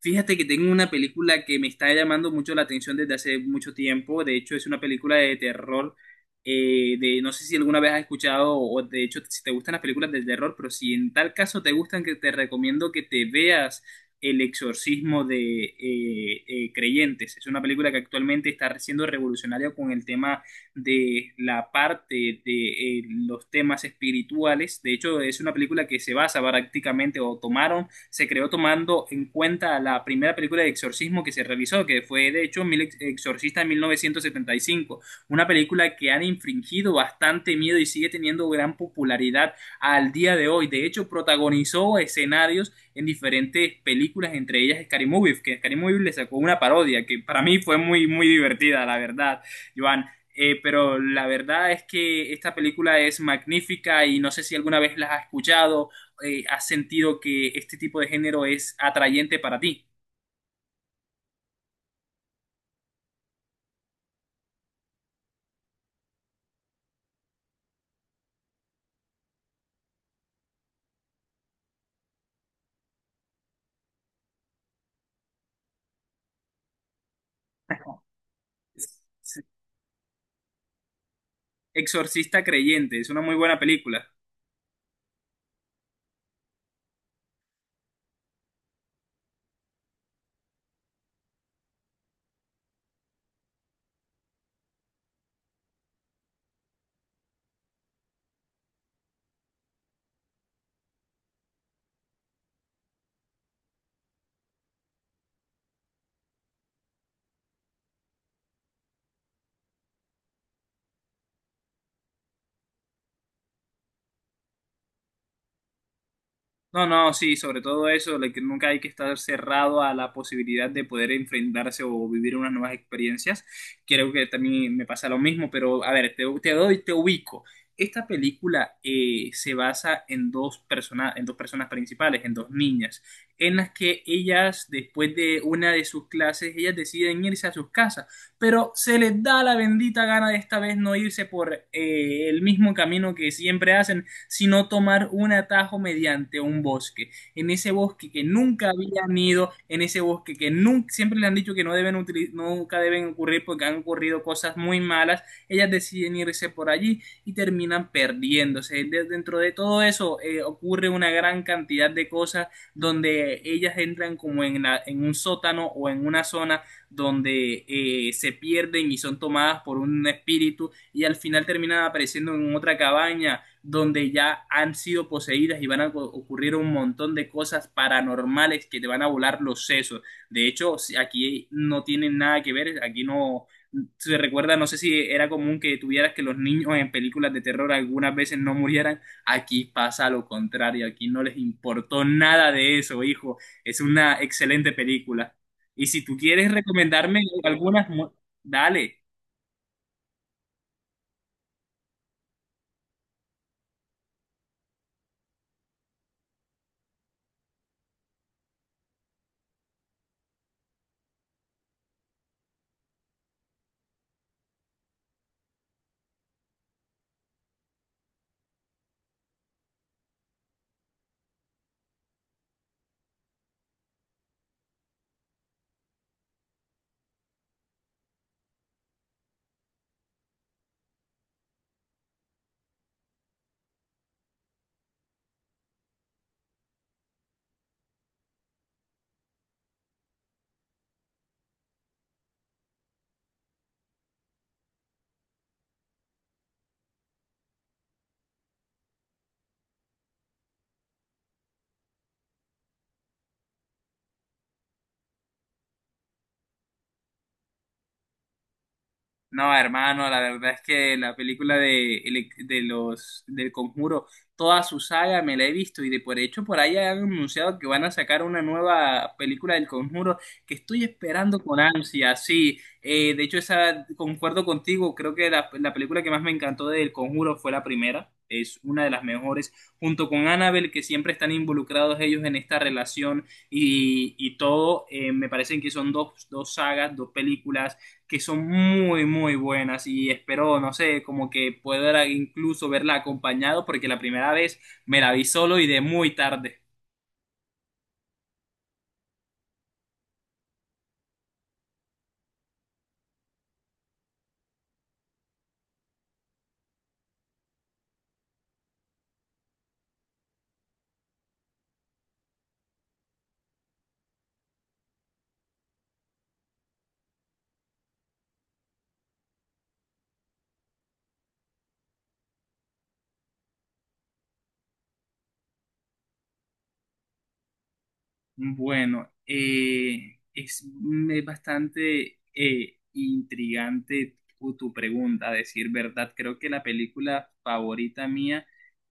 Fíjate que tengo una película que me está llamando mucho la atención desde hace mucho tiempo. De hecho, es una película de terror. No sé si alguna vez has escuchado, o de hecho, si te gustan las películas de terror, pero si en tal caso te gustan, que te recomiendo que te veas El Exorcismo de Creyentes. Es una película que actualmente está siendo revolucionaria con el tema de la parte de los temas espirituales. De hecho, es una película que se basa prácticamente o tomaron se creó tomando en cuenta la primera película de exorcismo que se realizó, que fue de hecho Mil Exorcista en 1975, una película que han infringido bastante miedo y sigue teniendo gran popularidad al día de hoy. De hecho, protagonizó escenarios en diferentes películas, entre ellas Scary Movie, que Scary Movie le sacó una parodia que para mí fue muy, muy divertida, la verdad, Joan. Pero la verdad es que esta película es magnífica y no sé si alguna vez la has escuchado has sentido que este tipo de género es atrayente para ti. Exorcista Creyente, es una muy buena película. No, no, sí, sobre todo eso, de que nunca hay que estar cerrado a la posibilidad de poder enfrentarse o vivir unas nuevas experiencias. Creo que también me pasa lo mismo, pero a ver, te ubico. Esta película se basa en dos personas principales, en dos niñas, en las que ellas, después de una de sus clases, ellas deciden irse a sus casas, pero se les da la bendita gana de esta vez no irse por el mismo camino que siempre hacen sino tomar un atajo mediante un bosque. En ese bosque que nunca habían ido, en ese bosque que nunca, siempre le han dicho que no deben utili- nunca deben ocurrir porque han ocurrido cosas muy malas, ellas deciden irse por allí y terminan perdiéndose. De- dentro de todo eso ocurre una gran cantidad de cosas donde ellas entran como en, la- en un sótano o en una zona donde se pierden y son tomadas por un espíritu y al final terminan apareciendo en otra cabaña donde ya han sido poseídas y van a ocurrir un montón de cosas paranormales que te van a volar los sesos. De hecho, si aquí no tienen nada que ver, aquí no se recuerda, no sé si era común que tuvieras que los niños en películas de terror algunas veces no murieran, aquí pasa lo contrario, aquí no les importó nada de eso, hijo. Es una excelente película. Y si tú quieres recomendarme algunas, mu- dale. No, hermano, la verdad es que la película de, el- de los del Conjuro, toda su saga me la he visto y de por hecho por ahí han anunciado que van a sacar una nueva película del Conjuro que estoy esperando con ansia, sí. De hecho, esa concuerdo contigo, creo que la película que más me encantó del Conjuro fue la primera, es una de las mejores, junto con Annabelle, que siempre están involucrados ellos en esta relación y todo, me parecen que son dos, dos sagas, dos películas que son muy, muy buenas y espero, no sé, como que pueda incluso verla acompañado porque la primera vez me la vi solo y de muy tarde. Bueno, bastante intrigante tu pregunta, a decir verdad. Creo que la película favorita mía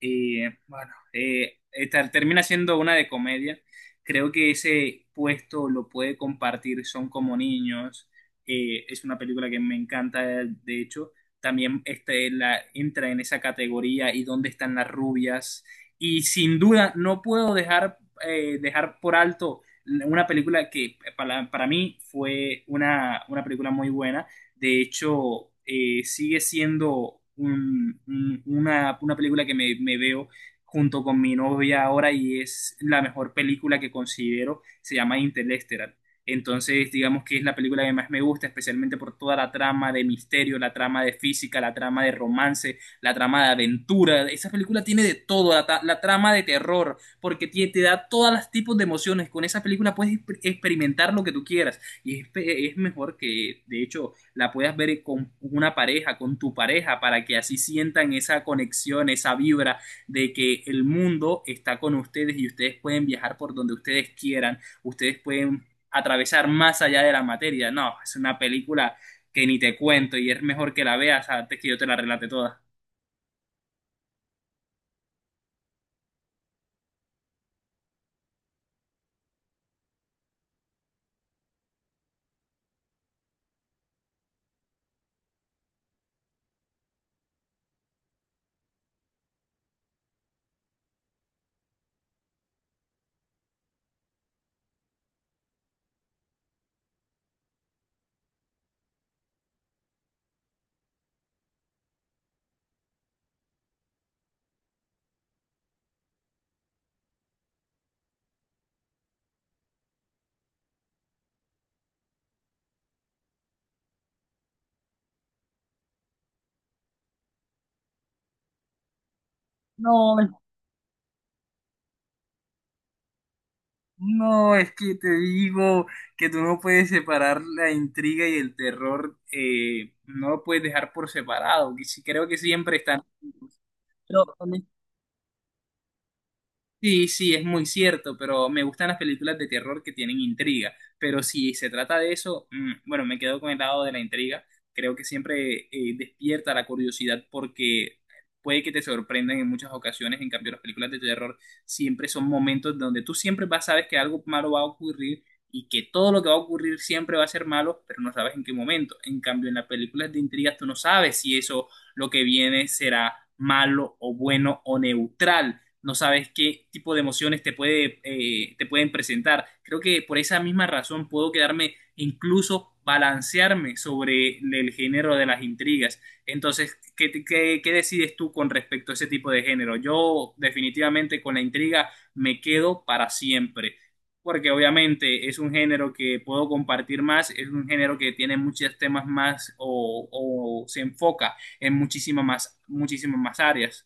Ter- termina siendo una de comedia. Creo que ese puesto lo puede compartir Son como niños. Es una película que me encanta, de hecho. También entra en esa categoría y dónde están las rubias. Y sin duda, no puedo dejar, dejar por alto una película que para mí fue una película muy buena de hecho, sigue siendo un- una película que me veo junto con mi novia ahora y es la mejor película que considero. Se llama Interstellar. Entonces, digamos que es la película que más me gusta, especialmente por toda la trama de misterio, la trama de física, la trama de romance, la trama de aventura. Esa película tiene de todo, ta- la trama de terror, porque tie- te, da todos los tipos de emociones. Con esa película puedes exper- experimentar lo que tú quieras. Y es, pe- es mejor que, de hecho, la puedas ver con una pareja, con tu pareja, para que así sientan esa conexión, esa vibra de que el mundo está con ustedes y ustedes pueden viajar por donde ustedes quieran, ustedes pueden atravesar más allá de la materia. No, es una película que ni te cuento y es mejor que la veas antes que yo te la relate toda. No, no, es que te digo que tú no puedes separar la intriga y el terror, no lo puedes dejar por separado, que sí- creo que siempre están juntos. Sí, sí, es muy cierto, pero me gustan las películas de terror que tienen intriga. Pero si se trata de eso, mm, bueno, me quedo con el lado de la intriga. Creo que siempre despierta la curiosidad porque puede que te sorprendan en muchas ocasiones. En cambio, las películas de terror siempre son momentos donde tú siempre vas, sabes que algo malo va a ocurrir y que todo lo que va a ocurrir siempre va a ser malo, pero no sabes en qué momento. En cambio, en las películas de intriga tú no sabes si eso, lo que viene, será malo o bueno o neutral no sabes qué tipo de emociones te puede, te pueden presentar. Creo que por esa misma razón puedo quedarme incluso balancearme sobre el género de las intrigas. Entonces, qué decides tú con respecto a ese tipo de género? Yo definitivamente con la intriga me quedo para siempre porque obviamente es un género que puedo compartir más, es un género que tiene muchos temas más o se enfoca en muchísimas más áreas.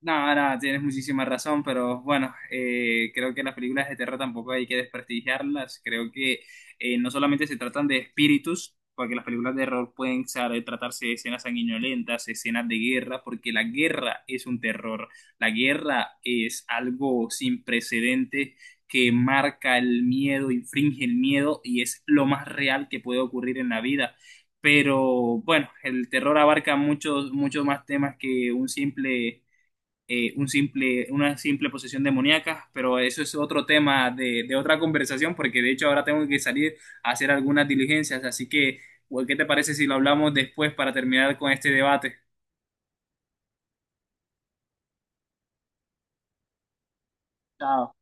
No, no, tienes muchísima razón, pero bueno, creo que las películas de terror tampoco hay que desprestigiarlas. Creo que no solamente se tratan de espíritus, porque las películas de terror pueden sa- tratarse de escenas sanguinolentas, escenas de guerra, porque la guerra es un terror. La guerra es algo sin precedente que marca el miedo, infringe el miedo y es lo más real que puede ocurrir en la vida. Pero bueno, el terror abarca muchos, muchos más temas que un simple una simple posesión demoníaca, pero eso es otro tema de otra conversación, porque de hecho ahora tengo que salir a hacer algunas diligencias, así que, ¿qué te parece si lo hablamos después para terminar con este debate? Chao.